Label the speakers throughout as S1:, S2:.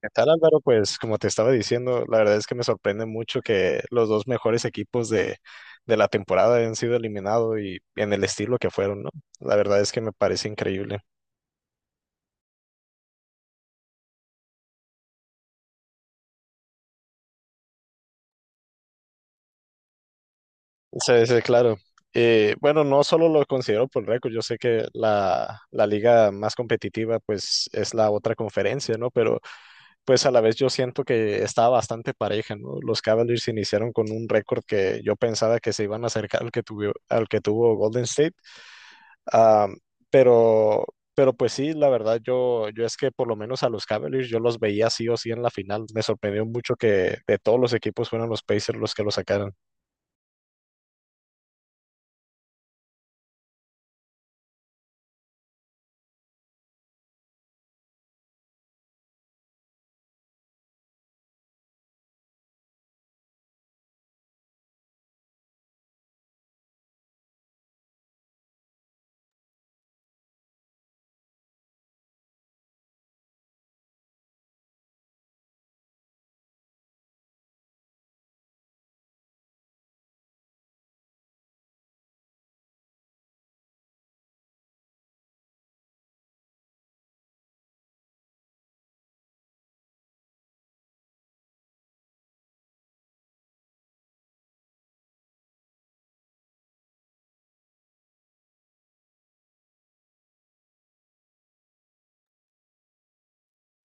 S1: ¿Qué tal, Álvaro? Pues como te estaba diciendo, la verdad es que me sorprende mucho que los dos mejores equipos de la temporada hayan sido eliminados y en el estilo que fueron, ¿no? La verdad es que me parece increíble. Sí, sí, claro. Bueno, no solo lo considero por récord. Yo sé que la liga más competitiva pues es la otra conferencia, ¿no? Pero pues a la vez yo siento que estaba bastante pareja, ¿no? Los Cavaliers iniciaron con un récord que yo pensaba que se iban a acercar al que tuvo Golden State. Ah, pero, pues sí, la verdad, yo es que por lo menos a los Cavaliers yo los veía sí o sí en la final. Me sorprendió mucho que de todos los equipos fueran los Pacers los que lo sacaran.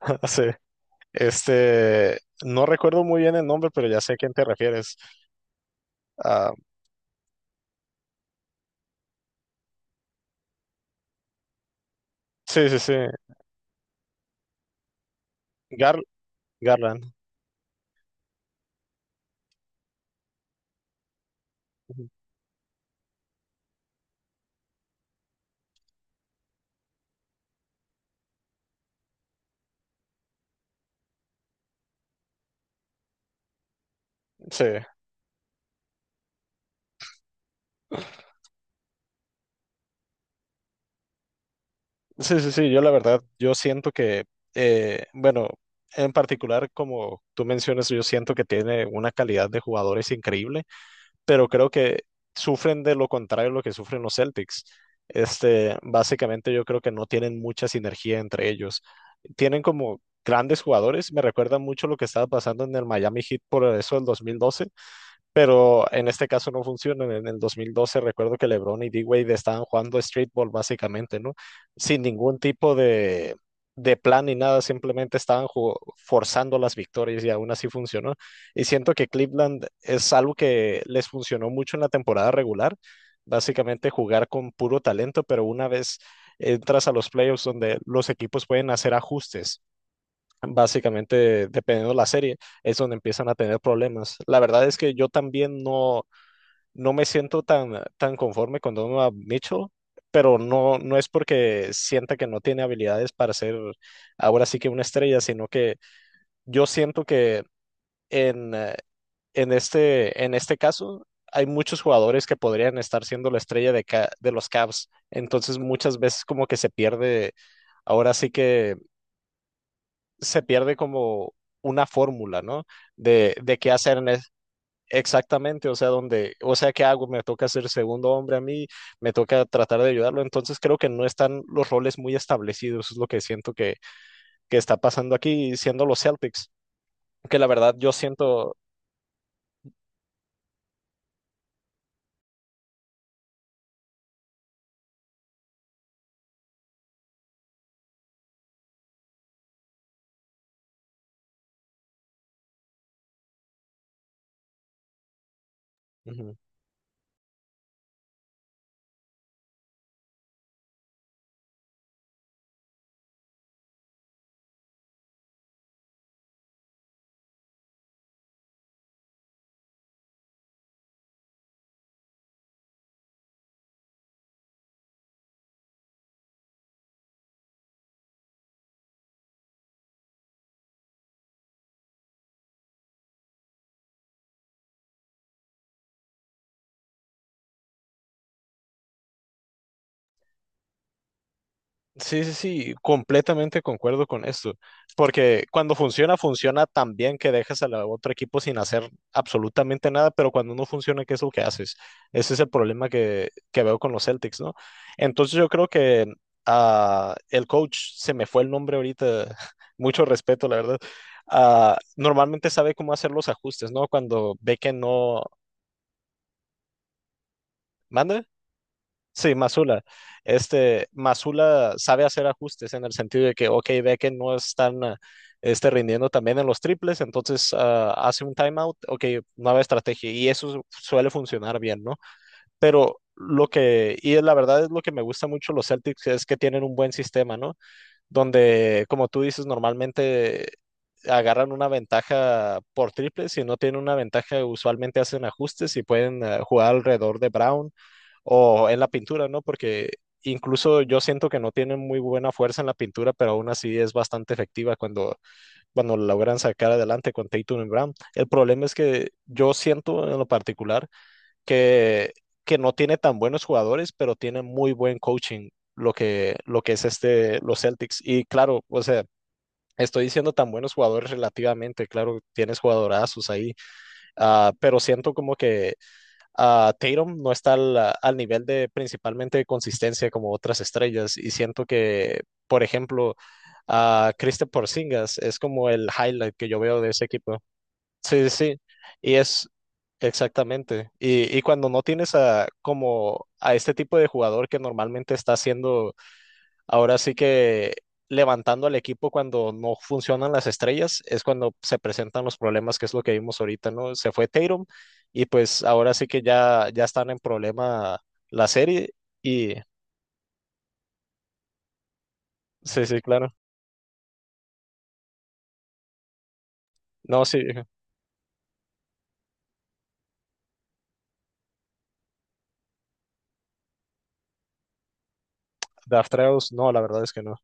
S1: Sí. Este, no recuerdo muy bien el nombre, pero ya sé a quién te refieres. Ah, sí, sí, sí. Gar Garland. Ujú. Sí, sí, sí, sí. Yo la verdad, yo siento que, bueno, en particular, como tú mencionas, yo siento que tiene una calidad de jugadores increíble, pero creo que sufren de lo contrario a lo que sufren los Celtics. Este, básicamente yo creo que no tienen mucha sinergia entre ellos. Tienen como grandes jugadores. Me recuerda mucho lo que estaba pasando en el Miami Heat por eso del dos mil doce, pero en este caso no funcionan. En el 2012 recuerdo que LeBron y D-Wade estaban jugando streetball básicamente, ¿no? Sin ningún tipo de plan ni nada, simplemente estaban forzando las victorias y aún así funcionó. Y siento que Cleveland es algo que les funcionó mucho en la temporada regular, básicamente jugar con puro talento, pero una vez entras a los playoffs donde los equipos pueden hacer ajustes. Básicamente, dependiendo de la serie, es donde empiezan a tener problemas. La verdad es que yo también no, no me siento tan conforme con Donovan Mitchell, pero no, no es porque sienta que no tiene habilidades para ser ahora sí que una estrella, sino que yo siento que en, eh, en este caso hay muchos jugadores que podrían estar siendo la estrella de los Cavs. Entonces, muchas veces como que se pierde ahora sí que se pierde como una fórmula, ¿no? De qué hacer en exactamente. O sea, donde, o sea, ¿qué hago? Me toca ser segundo hombre a mí, me toca tratar de ayudarlo. Entonces creo que no están los roles muy establecidos, es lo que siento que está pasando aquí, siendo los Celtics, que la verdad yo siento. Mhm. Sí, sí, sí, completamente concuerdo con esto, porque cuando funciona, funciona tan bien que dejas al otro equipo sin hacer absolutamente nada, pero cuando no funciona, ¿qué es lo que haces? Ese es el problema que veo con los Celtics, ¿no? Entonces yo creo que ah, el coach, se me fue el nombre ahorita, mucho respeto, la verdad, ah, normalmente sabe cómo hacer los ajustes, ¿no? Cuando ve que no... ¿Mande? Sí, Masula. Este, Masula sabe hacer ajustes en el sentido de que, ok, ve que no están ah, este, rindiendo también en los triples. Entonces ah, hace un timeout, ok, nueva estrategia, y eso suele funcionar bien, ¿no? Pero lo que, y la verdad es lo que me gusta mucho los Celtics, es que tienen un buen sistema, ¿no? Donde, como tú dices, normalmente agarran una ventaja por triple. Si no tienen una ventaja, usualmente hacen ajustes y pueden jugar alrededor de Brown o en la pintura, ¿no? Porque incluso yo siento que no tienen muy buena fuerza en la pintura, pero aún así es bastante efectiva cuando, cuando logran sacar adelante con Tatum y Brown. El problema es que yo siento en lo particular que, que no tiene tan buenos jugadores, pero tiene muy buen coaching. Lo que es este, los Celtics. Y claro, o sea, estoy diciendo tan buenos jugadores relativamente. Claro, tienes jugadorazos ahí, ah, pero siento como que ah, Tatum no está al, al nivel de principalmente de consistencia como otras estrellas, y siento que, por ejemplo, a Kristaps Porzingis es como el highlight que yo veo de ese equipo. Sí, sí, sí, y es exactamente. Y cuando no tienes a, como a este tipo de jugador que normalmente está haciendo ahora sí que levantando al equipo cuando no funcionan las estrellas, es cuando se presentan los problemas, que es lo que vimos ahorita, ¿no? Se fue Tatum y pues ahora sí que ya, ya están en problema la serie y sí, sí, claro. No, sí, Daftreus, no, la verdad es que no.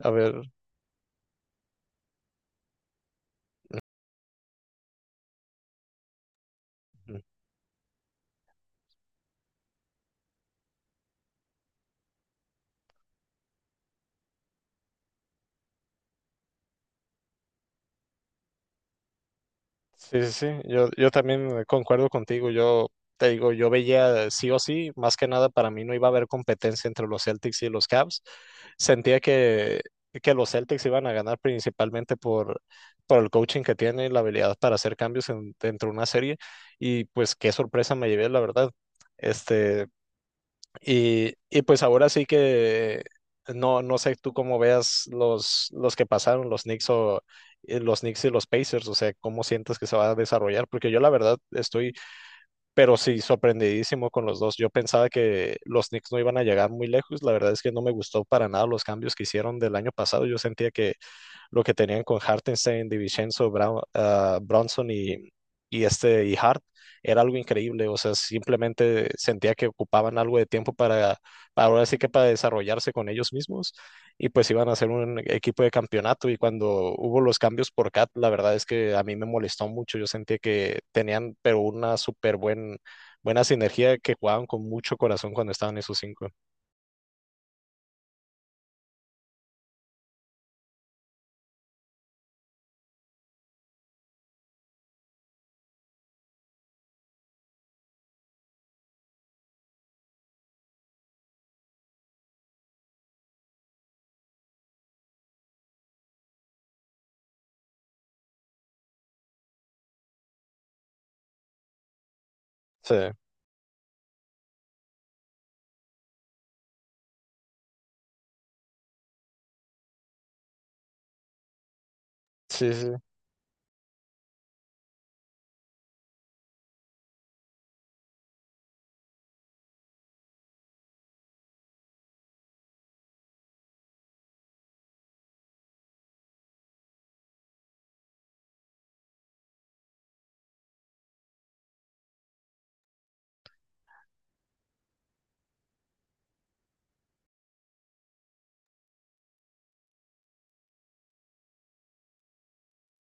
S1: A ver. Ujú. Sí, sí, sí, yo también concuerdo contigo. Yo te digo, yo veía sí o sí, más que nada para mí no iba a haber competencia entre los Celtics y los Cavs. Sentía que los Celtics iban a ganar principalmente por el coaching que tiene y la habilidad para hacer cambios dentro de una serie, y pues qué sorpresa me llevé, la verdad. Este, y pues ahora sí que no, no sé tú cómo veas los que pasaron, los Knicks o los Knicks y los Pacers, o sea, cómo sientes que se va a desarrollar, porque yo la verdad estoy, pero sí, sorprendidísimo con los dos. Yo pensaba que los Knicks no iban a llegar muy lejos. La verdad es que no me gustó para nada los cambios que hicieron del año pasado. Yo sentía que lo que tenían con Hartenstein, DiVincenzo, Brown, ah, Bronson y este y Hart, era algo increíble. O sea, simplemente sentía que ocupaban algo de tiempo para ahora sí que para desarrollarse con ellos mismos, y pues iban a ser un equipo de campeonato. Y cuando hubo los cambios por Cat, la verdad es que a mí me molestó mucho. Yo sentía que tenían, pero una súper buen, buena sinergia, que jugaban con mucho corazón cuando estaban esos cinco. Sí, sí, sí.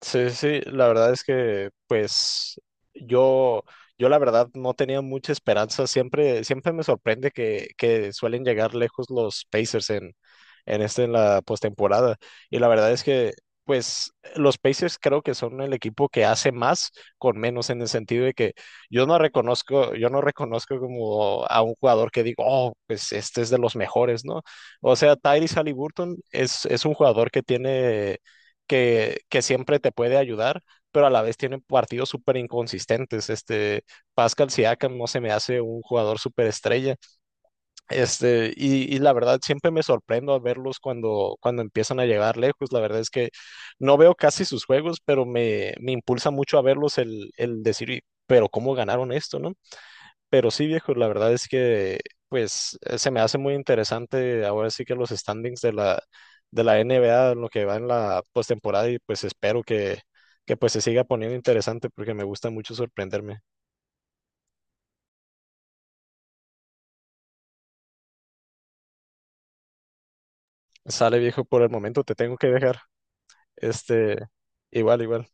S1: Sí, sí, la verdad es que pues yo, yo la verdad no tenía mucha esperanza. Siempre, siempre me sorprende que suelen llegar lejos los Pacers en este, en la postemporada. Y la verdad es que, pues, los Pacers creo que son el equipo que hace más con menos, en el sentido de que yo no reconozco como a un jugador que digo, oh, pues este es de los mejores, ¿no? O sea, Tyrese Halliburton es un jugador que tiene, que siempre te puede ayudar, pero a la vez tiene partidos súper inconsistentes. Este, Pascal Siakam no se me hace un jugador súper estrella. Este, y la verdad siempre me sorprendo a verlos cuando, cuando empiezan a llegar lejos. La verdad es que no veo casi sus juegos, pero me impulsa mucho a verlos el decir, "Y- pero ¿cómo ganaron esto, no?". Pero sí, viejo, la verdad es que pues se me hace muy interesante ahora sí que los standings de la NBA, en lo que va en la postemporada, y pues espero que pues se siga poniendo interesante porque me gusta mucho sorprenderme. Sale, viejo, por el momento te tengo que dejar. Este, igual, igual.